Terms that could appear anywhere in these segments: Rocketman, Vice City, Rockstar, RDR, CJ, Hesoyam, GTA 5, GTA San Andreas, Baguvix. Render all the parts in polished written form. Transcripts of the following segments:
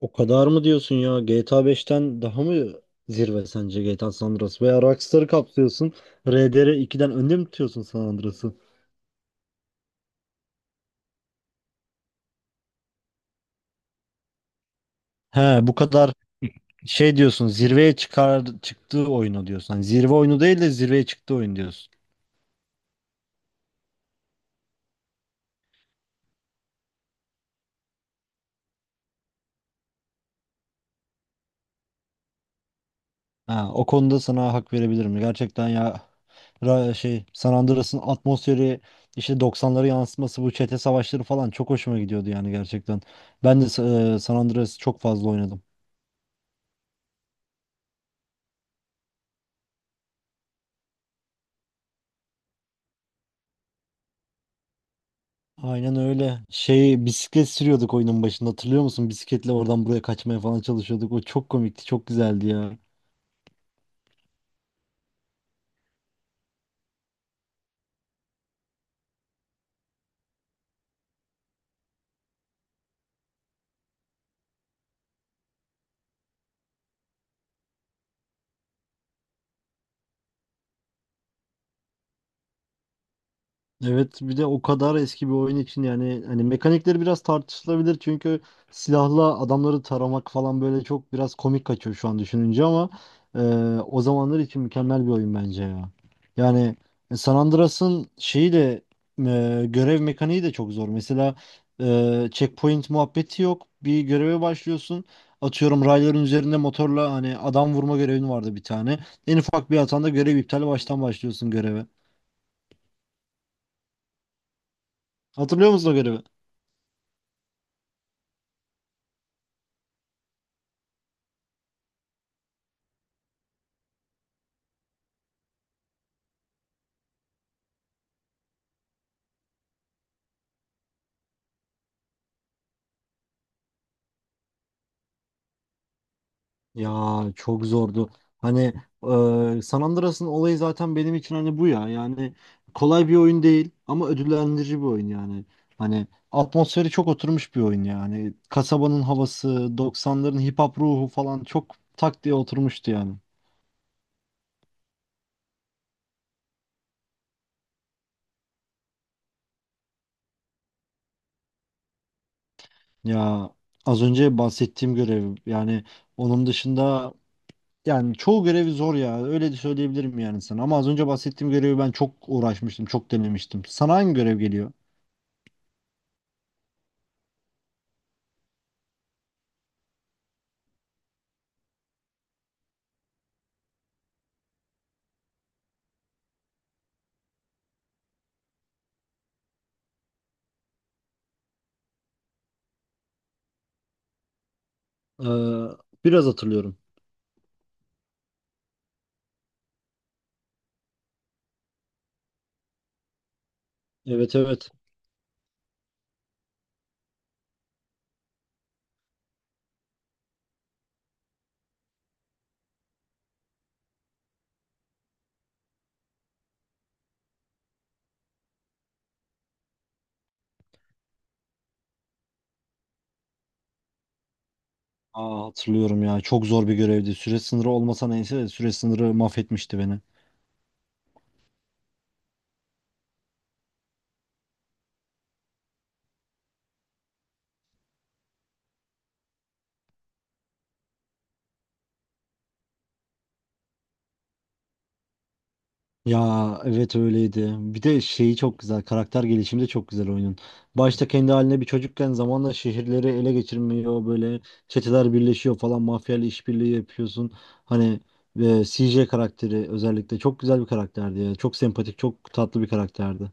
O kadar mı diyorsun ya? GTA 5'ten daha mı zirve sence GTA San Andreas? Veya Rockstar'ı kapsıyorsun. RDR ikiden önde mi tutuyorsun San Andreas'ı? He, bu kadar şey diyorsun, zirveye çıktığı oyunu diyorsun. Hani zirve oyunu değil de zirveye çıktığı oyun diyorsun. Ha, o konuda sana hak verebilirim. Gerçekten ya, şey, San Andreas'ın atmosferi, işte doksanları yansıtması, bu çete savaşları falan çok hoşuma gidiyordu yani gerçekten. Ben de San Andreas'ı çok fazla oynadım. Aynen öyle. Şey, bisiklet sürüyorduk oyunun başında, hatırlıyor musun? Bisikletle oradan buraya kaçmaya falan çalışıyorduk. O çok komikti, çok güzeldi ya. Evet, bir de o kadar eski bir oyun için yani, hani mekanikleri biraz tartışılabilir, çünkü silahla adamları taramak falan böyle çok biraz komik kaçıyor şu an düşününce ama e, o zamanlar için mükemmel bir oyun bence ya. Yani San Andreas'ın şeyi de, görev mekaniği de çok zor. Mesela checkpoint muhabbeti yok. Bir göreve başlıyorsun. Atıyorum, rayların üzerinde motorla hani adam vurma görevin vardı bir tane. En ufak bir hatanda görev iptal, baştan başlıyorsun göreve. Hatırlıyor musun o görevi? Ya, çok zordu. Hani San Andreas'ın olayı zaten benim için hani bu ya. Yani kolay bir oyun değil ama ödüllendirici bir oyun yani. Hani atmosferi çok oturmuş bir oyun yani. Kasabanın havası, doksanların hip hop ruhu falan çok tak diye oturmuştu yani. Ya, az önce bahsettiğim görev yani, onun dışında yani çoğu görevi zor ya. Öyle de söyleyebilirim yani sana. Ama az önce bahsettiğim görevi ben çok uğraşmıştım, çok denemiştim. Sana hangi görev geliyor? Ee, biraz hatırlıyorum. Evet, evet. Aa, hatırlıyorum ya. Çok zor bir görevdi. Süre sınırı olmasa neyse de, süre sınırı mahvetmişti beni. Ya evet, öyleydi. Bir de şeyi çok güzel. Karakter gelişimi de çok güzel oyunun. Başta kendi haline bir çocukken zamanla şehirleri ele geçirmiyor. Böyle çeteler birleşiyor falan. Mafyayla işbirliği yapıyorsun. Hani, ve CJ karakteri özellikle çok güzel bir karakterdi ya. Çok sempatik, çok tatlı bir karakterdi.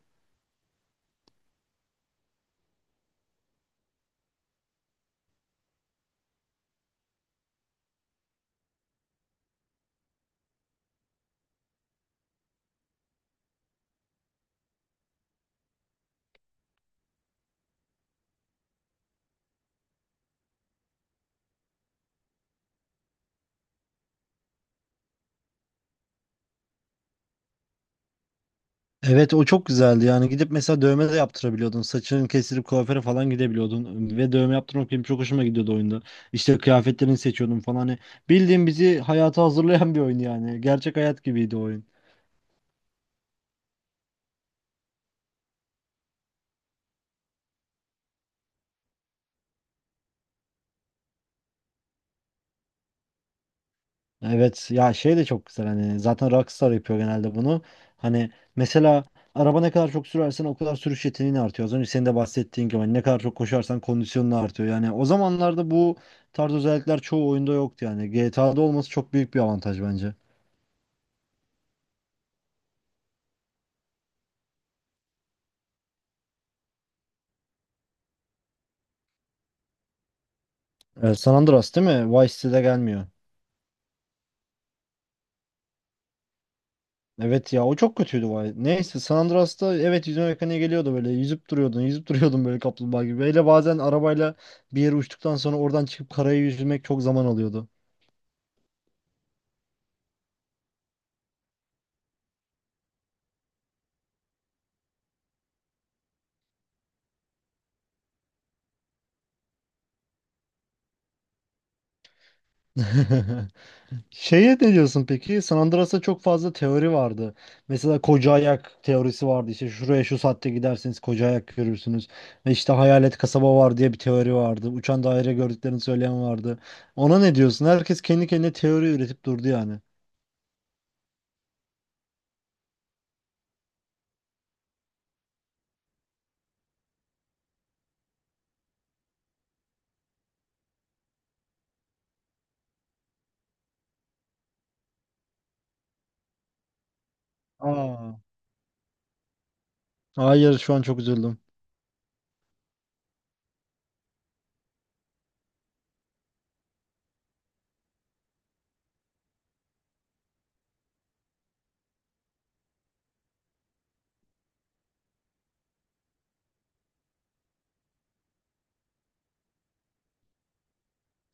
Evet, o çok güzeldi yani. Gidip mesela dövme de yaptırabiliyordun, saçını kestirip kuaföre falan gidebiliyordun ve dövme yaptırmak benim çok hoşuma gidiyordu oyunda. İşte kıyafetlerini seçiyordum falan. Hani bildiğin bizi hayata hazırlayan bir oyun yani, gerçek hayat gibiydi o oyun. Evet ya, şey de çok güzel, hani zaten Rockstar yapıyor genelde bunu, hani mesela araba ne kadar çok sürersen o kadar sürüş yeteneğin artıyor, az önce senin de bahsettiğin gibi hani ne kadar çok koşarsan kondisyonun artıyor. Yani o zamanlarda bu tarz özellikler çoğu oyunda yoktu yani, GTA'da olması çok büyük bir avantaj bence. San Andreas değil mi? Vice City'de gelmiyor. Evet ya, o çok kötüydü Vice. Neyse, San Andreas'ta evet, yüzme mekaniğe geliyordu, böyle yüzüp duruyordun, yüzüp duruyordun, böyle kaplumbağa gibi. Böyle bazen arabayla bir yere uçtuktan sonra oradan çıkıp karaya yüzmek çok zaman alıyordu. Şeye ne diyorsun peki? San Andreas'ta çok fazla teori vardı. Mesela koca ayak teorisi vardı. İşte şuraya şu saatte giderseniz koca ayak görürsünüz. Ve işte hayalet kasaba var diye bir teori vardı. Uçan daire gördüklerini söyleyen vardı. Ona ne diyorsun? Herkes kendi kendine teori üretip durdu yani. Aa, hayır, şu an çok üzüldüm.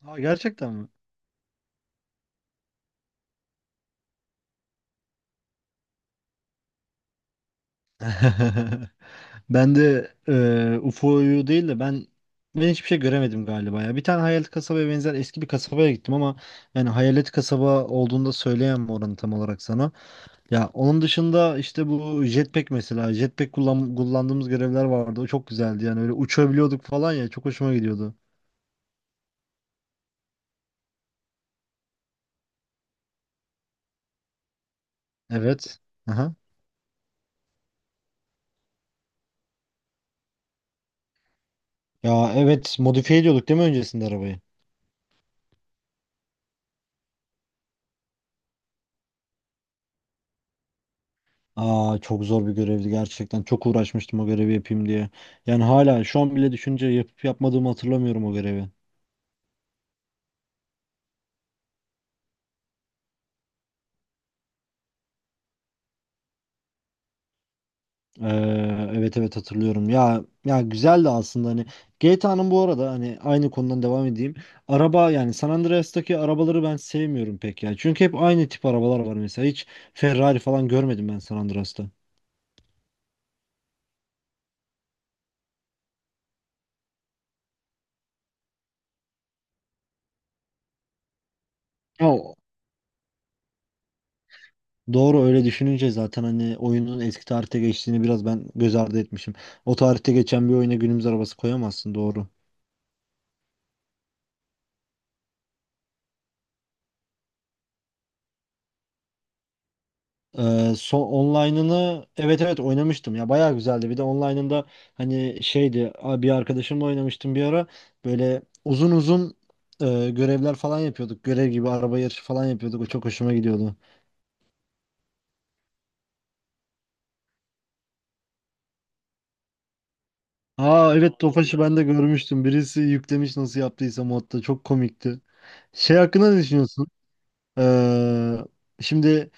Aa, gerçekten mi? Ben de UFO'yu değil de, ben hiçbir şey göremedim galiba ya. Bir tane hayalet kasabaya benzer eski bir kasabaya gittim ama yani hayalet kasaba olduğunda söyleyemem oranı tam olarak sana. Ya, onun dışında işte bu jetpack, mesela jetpack kullandığımız görevler vardı. O çok güzeldi yani, öyle uçabiliyorduk falan ya, çok hoşuma gidiyordu. Evet. Aha. Ya evet, modifiye ediyorduk değil mi öncesinde arabayı? Aa, çok zor bir görevdi gerçekten. Çok uğraşmıştım o görevi yapayım diye. Yani hala şu an bile düşünce yapıp yapmadığımı hatırlamıyorum o görevi. Ee, evet, evet, hatırlıyorum. Ya ya, güzeldi aslında hani. GTA'nın bu arada, hani aynı konudan devam edeyim. Araba yani, San Andreas'taki arabaları ben sevmiyorum pek ya. Çünkü hep aynı tip arabalar var mesela. Hiç Ferrari falan görmedim ben San Andreas'ta. Ya, doğru, öyle düşününce zaten hani oyunun eski tarihte geçtiğini biraz ben göz ardı etmişim. O tarihte geçen bir oyuna günümüz arabası koyamazsın, doğru. So online'ını, evet evet, oynamıştım ya, bayağı güzeldi. Bir de online'ında hani şeydi, bir arkadaşımla oynamıştım bir ara, böyle uzun uzun görevler falan yapıyorduk, görev gibi araba yarışı falan yapıyorduk, o çok hoşuma gidiyordu. Aa evet, Tofaş'ı ben de görmüştüm, birisi yüklemiş nasıl yaptıysa modda, çok komikti. Şey hakkında ne düşünüyorsun? Ee, şimdi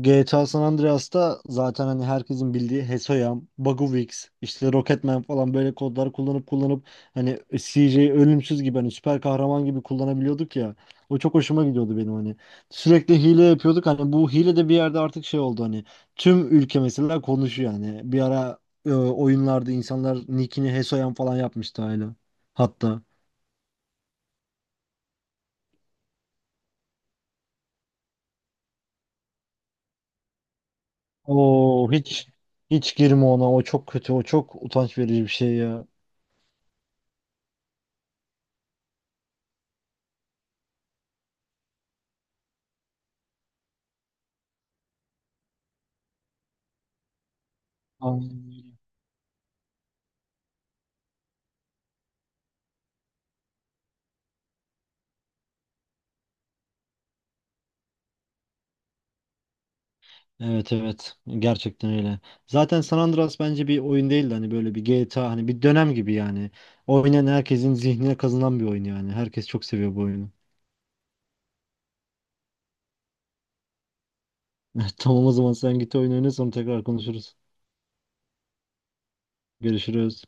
GTA San Andreas'ta zaten hani herkesin bildiği Hesoyam, Baguvix, işte Rocketman falan, böyle kodlar kullanıp kullanıp hani CJ'yi ölümsüz gibi, hani süper kahraman gibi kullanabiliyorduk ya. O çok hoşuma gidiyordu benim hani. Sürekli hile yapıyorduk, hani bu hile de bir yerde artık şey oldu hani, tüm ülke mesela konuşuyor yani. Bir ara oyunlarda insanlar nickini Hesoyam falan yapmıştı hala. Hatta. Oo, hiç hiç girme ona, o çok kötü, o çok utanç verici bir şey ya. Ay. Evet evet, gerçekten öyle. Zaten San Andreas bence bir oyun değildi, hani böyle bir GTA hani bir dönem gibi yani. Oynayan herkesin zihnine kazınan bir oyun yani. Herkes çok seviyor bu oyunu. Tamam o zaman, sen git oyun oyna, sonra tekrar konuşuruz. Görüşürüz.